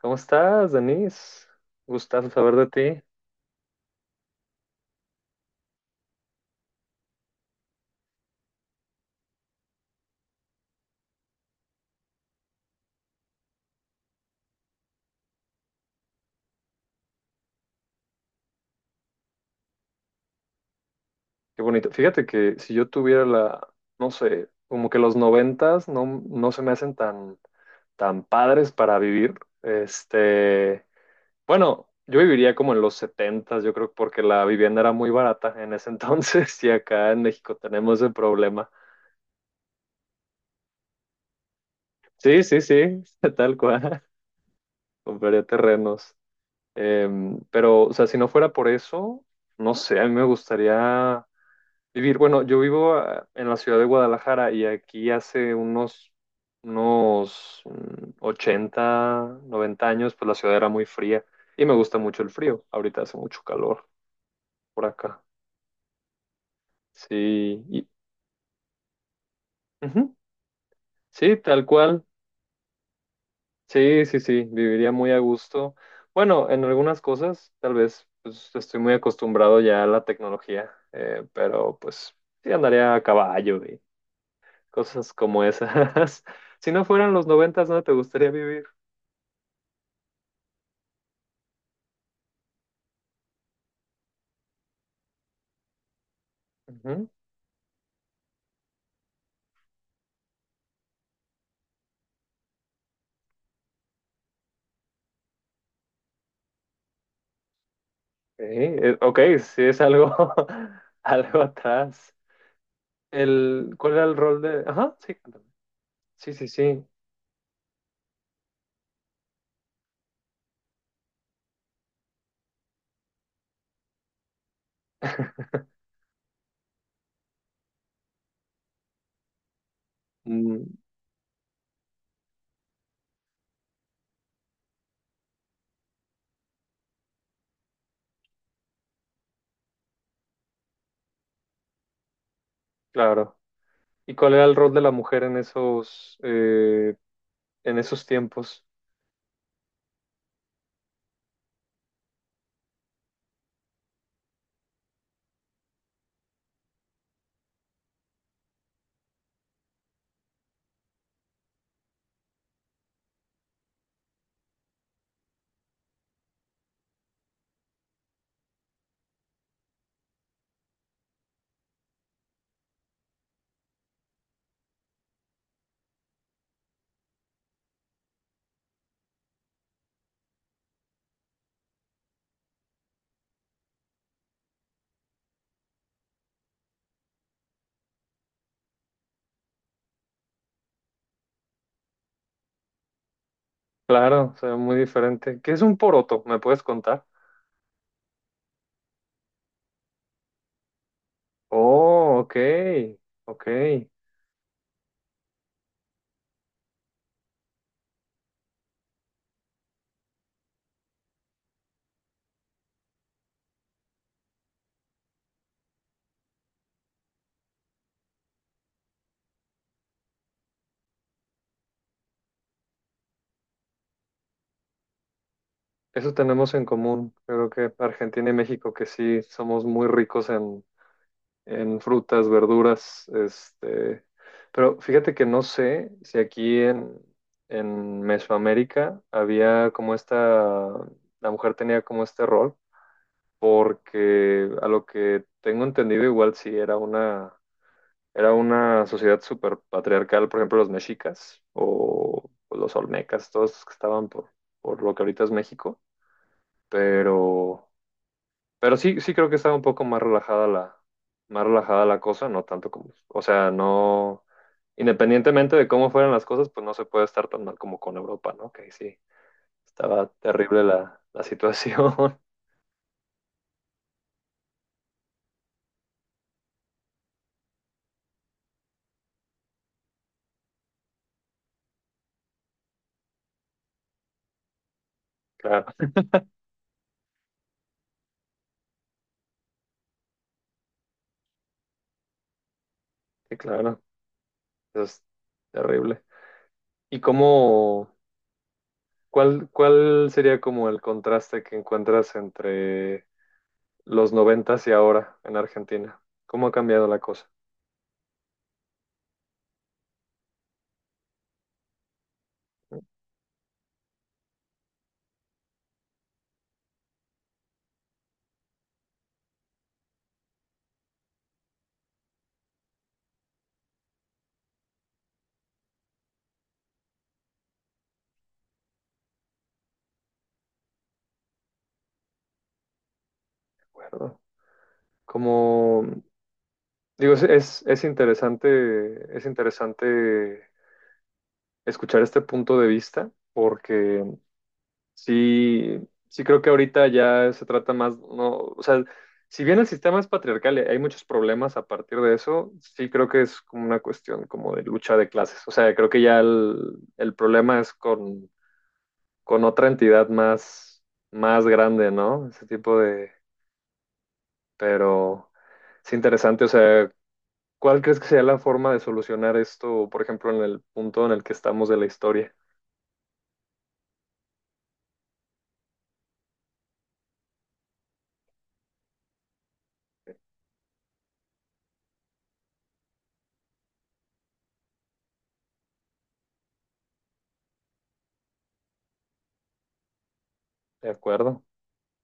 ¿Cómo estás, Denise? Gustazo saber de ti. Qué bonito. Fíjate que si yo tuviera no sé, como que los noventas no se me hacen tan padres para vivir. Este, bueno, yo viviría como en los setentas, yo creo, porque la vivienda era muy barata en ese entonces y acá en México tenemos ese problema. Sí, sí, sí, tal cual. Compraría terrenos. Pero, o sea, si no fuera por eso, no sé, a mí me gustaría. Vivir, bueno, yo vivo en la ciudad de Guadalajara, y aquí hace unos 80, 90 años, pues la ciudad era muy fría y me gusta mucho el frío. Ahorita hace mucho calor por acá. Sí, ujú. Sí, tal cual. Sí, sí, sí, viviría muy a gusto. Bueno, en algunas cosas, tal vez, pues estoy muy acostumbrado ya a la tecnología, pero pues sí andaría a caballo, cosas como esas. Si no fueran los noventas, no te gustaría vivir. Ujú. Sí, ok, sí es algo, algo atrás. ¿Cuál era el rol de...? Ajá, sí, cuéntame. Sí, sí, sí. Mm, claro. ¿Y cuál era el rol de la mujer en esos tiempos? Claro, o sea, muy diferente. ¿Qué es un poroto? ¿Me puedes contar? Oh, ok, ok. Eso tenemos en común. Creo que Argentina y México, que sí, somos muy ricos en frutas, verduras, este, pero fíjate que no sé si aquí en Mesoamérica había como esta, la mujer tenía como este rol, porque a lo que tengo entendido, igual sí era una sociedad súper patriarcal, por ejemplo los mexicas o los olmecas, todos los que estaban por lo que ahorita es México, pero... Pero sí, sí creo que estaba un poco más relajada la cosa, no tanto como, o sea, no, independientemente de cómo fueran las cosas, pues no se puede estar tan mal como con Europa, ¿no? Que ahí sí, estaba terrible la situación. Claro, sí, claro, eso es terrible. ¿Y cuál sería como el contraste que encuentras entre los noventas y ahora en Argentina? ¿Cómo ha cambiado la cosa? ¿De acuerdo? ¿Cómo? Digo, es interesante escuchar este punto de vista, porque sí, sí creo que ahorita ya se trata más, no, o sea, si bien el sistema es patriarcal y hay muchos problemas a partir de eso, sí creo que es como una cuestión como de lucha de clases. O sea, creo que ya el problema es con otra entidad más grande, ¿no? Ese tipo de... Pero es interesante, o sea, ¿cuál crees que sea la forma de solucionar esto, por ejemplo, en el punto en el que estamos de la historia? ¿De acuerdo?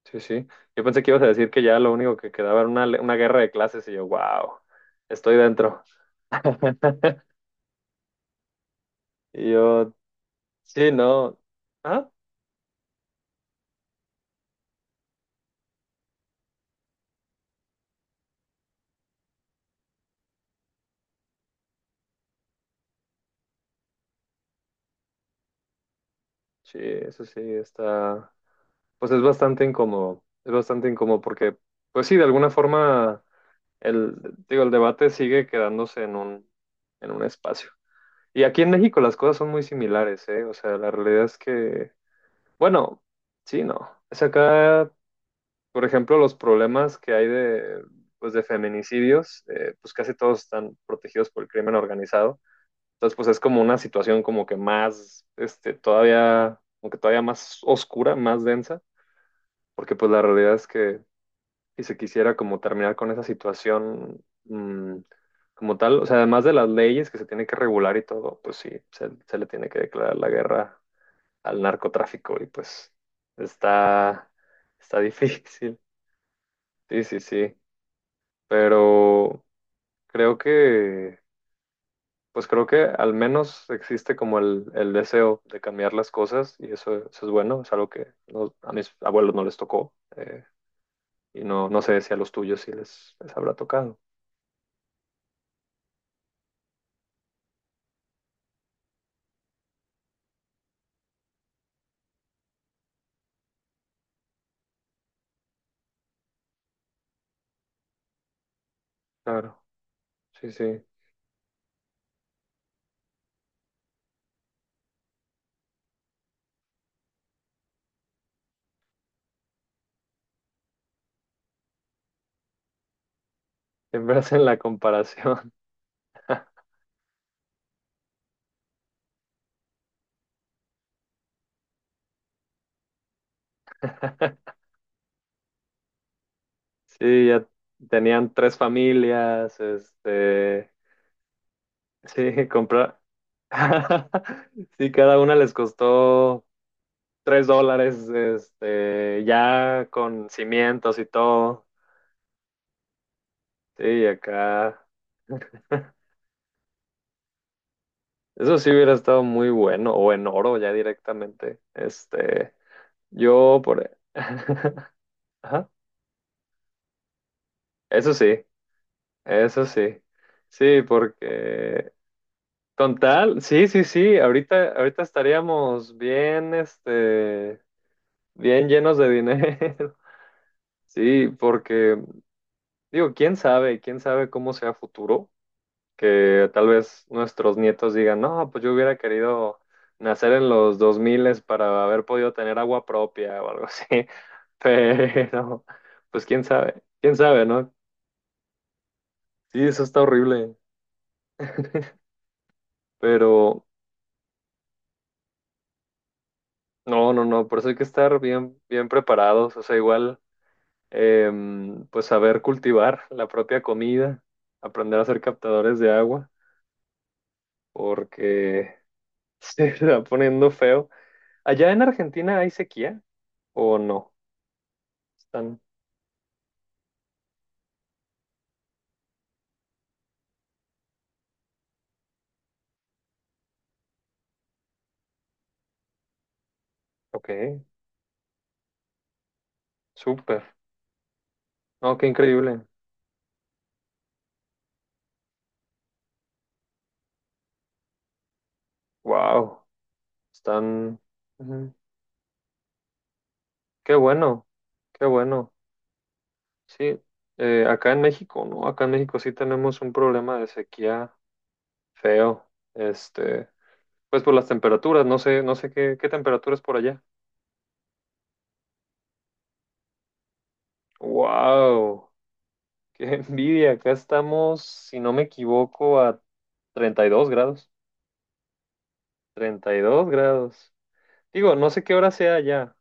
Sí, sí. Yo pensé que ibas a decir que ya lo único que quedaba era una guerra de clases y yo, wow, estoy dentro. Y yo, sí, no. Ah, sí, eso sí, está. Pues es bastante incómodo. Es bastante incómodo porque, pues sí, de alguna forma, el, digo, el debate sigue quedándose en un espacio. Y aquí en México las cosas son muy similares, ¿eh? O sea, la realidad es que... Bueno, sí, no. Es acá, por ejemplo, los problemas que hay pues, de feminicidios, pues casi todos están protegidos por el crimen organizado. Entonces, pues es como una situación como que más, este, todavía, como que todavía más oscura, más densa, porque pues la realidad es que si se quisiera como terminar con esa situación, como tal, o sea, además de las leyes que se tiene que regular y todo, pues sí, se le tiene que declarar la guerra al narcotráfico y pues está, está difícil. Sí, sí, sí. Pero creo que, pues creo que al menos existe como el deseo de cambiar las cosas, y eso es bueno, es algo que a mis abuelos no les tocó, y no, no sé si a los tuyos sí les habrá tocado. Claro, sí, sí. Siempre hacen la comparación. Sí, ya tenían tres familias, este, sí, comprar. Sí, cada una les costó $3, este, ya con cimientos y todo. Sí, acá. Eso sí hubiera estado muy bueno, o en oro ya directamente. Este, yo por... Ajá. Eso sí, eso sí. Sí, porque con tal, sí, sí, sí, ahorita, ahorita estaríamos bien, este, bien llenos de dinero. Sí, porque digo, quién sabe cómo sea futuro, que tal vez nuestros nietos digan, no, pues yo hubiera querido nacer en los 2000 para haber podido tener agua propia o algo así, pero pues quién sabe, ¿no? Sí, eso está horrible, pero no, no, no, por eso hay que estar bien, bien preparados, o sea, igual, pues saber cultivar la propia comida, aprender a ser captadores de agua, porque se está poniendo feo. ¿Allá en Argentina hay sequía o no? Están, ok, súper. No, qué increíble. Wow, están, ujú. Qué bueno, qué bueno. Sí, acá en México, ¿no? Acá en México sí tenemos un problema de sequía feo. Este, pues por las temperaturas, no sé qué temperaturas por allá. Wow, qué envidia. Acá estamos, si no me equivoco, a 32 grados. 32 grados. Digo, no sé qué hora sea allá.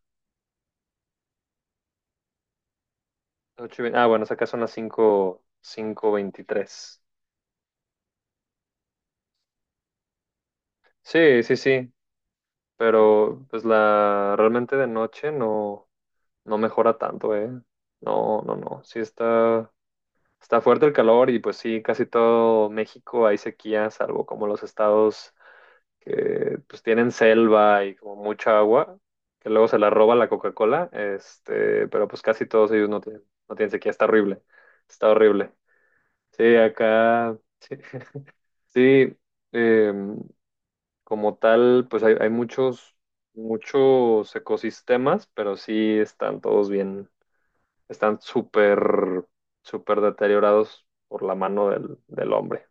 Ah, bueno, acá son las cinco veintitrés. Sí, sí, sí, pero pues la realmente de noche no mejora tanto, ¿eh? No, no, no, sí está fuerte el calor, y pues sí, casi todo México hay sequía, salvo como los estados que pues tienen selva y como mucha agua, que luego se la roba la Coca-Cola, este, pero pues casi todos ellos no tienen sequía. Está horrible, está horrible. Sí, acá... sí. Sí, em, como tal, pues hay muchos, muchos ecosistemas, pero sí están todos bien, están súper, súper deteriorados por la mano del hombre,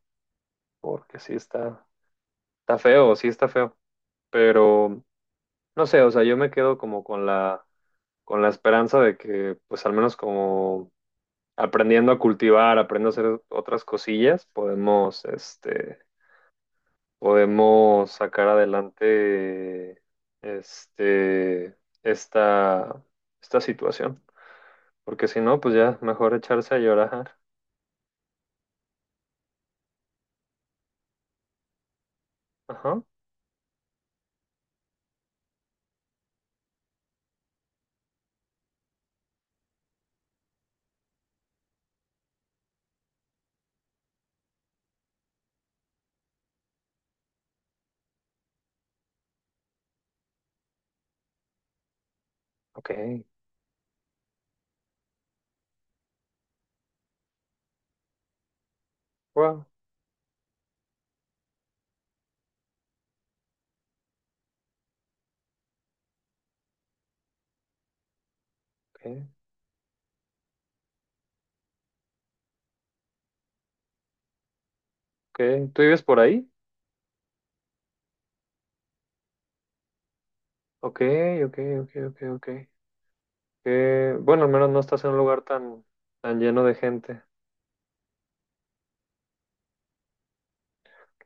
porque sí está feo, sí está feo, pero no sé, o sea, yo me quedo como con la esperanza de que, pues al menos como aprendiendo a cultivar, aprendiendo a hacer otras cosillas, podemos, este, podemos sacar adelante este, esta, esta situación. Porque si no, pues ya mejor echarse a llorar. Ajá. Ok. Wow. Ok. Ok. ¿Tú vives por ahí? Ok, ok, ok, ok, ok. Bueno, al menos no estás en un lugar tan lleno de gente.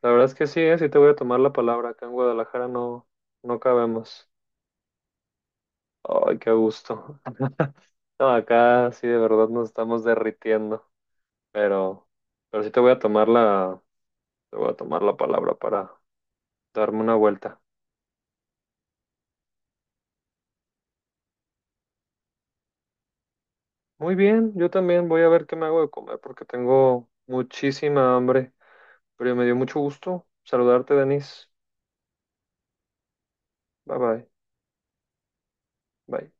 La verdad es que sí, sí te voy a tomar la palabra. Acá en Guadalajara no cabemos. Ay, qué gusto. No, acá sí de verdad nos estamos derritiendo. pero, pero sí te voy a tomar la palabra para darme una vuelta. Muy bien, yo también voy a ver qué me hago de comer porque tengo muchísima hambre, pero me dio mucho gusto saludarte, Denise. Bye bye. Bye.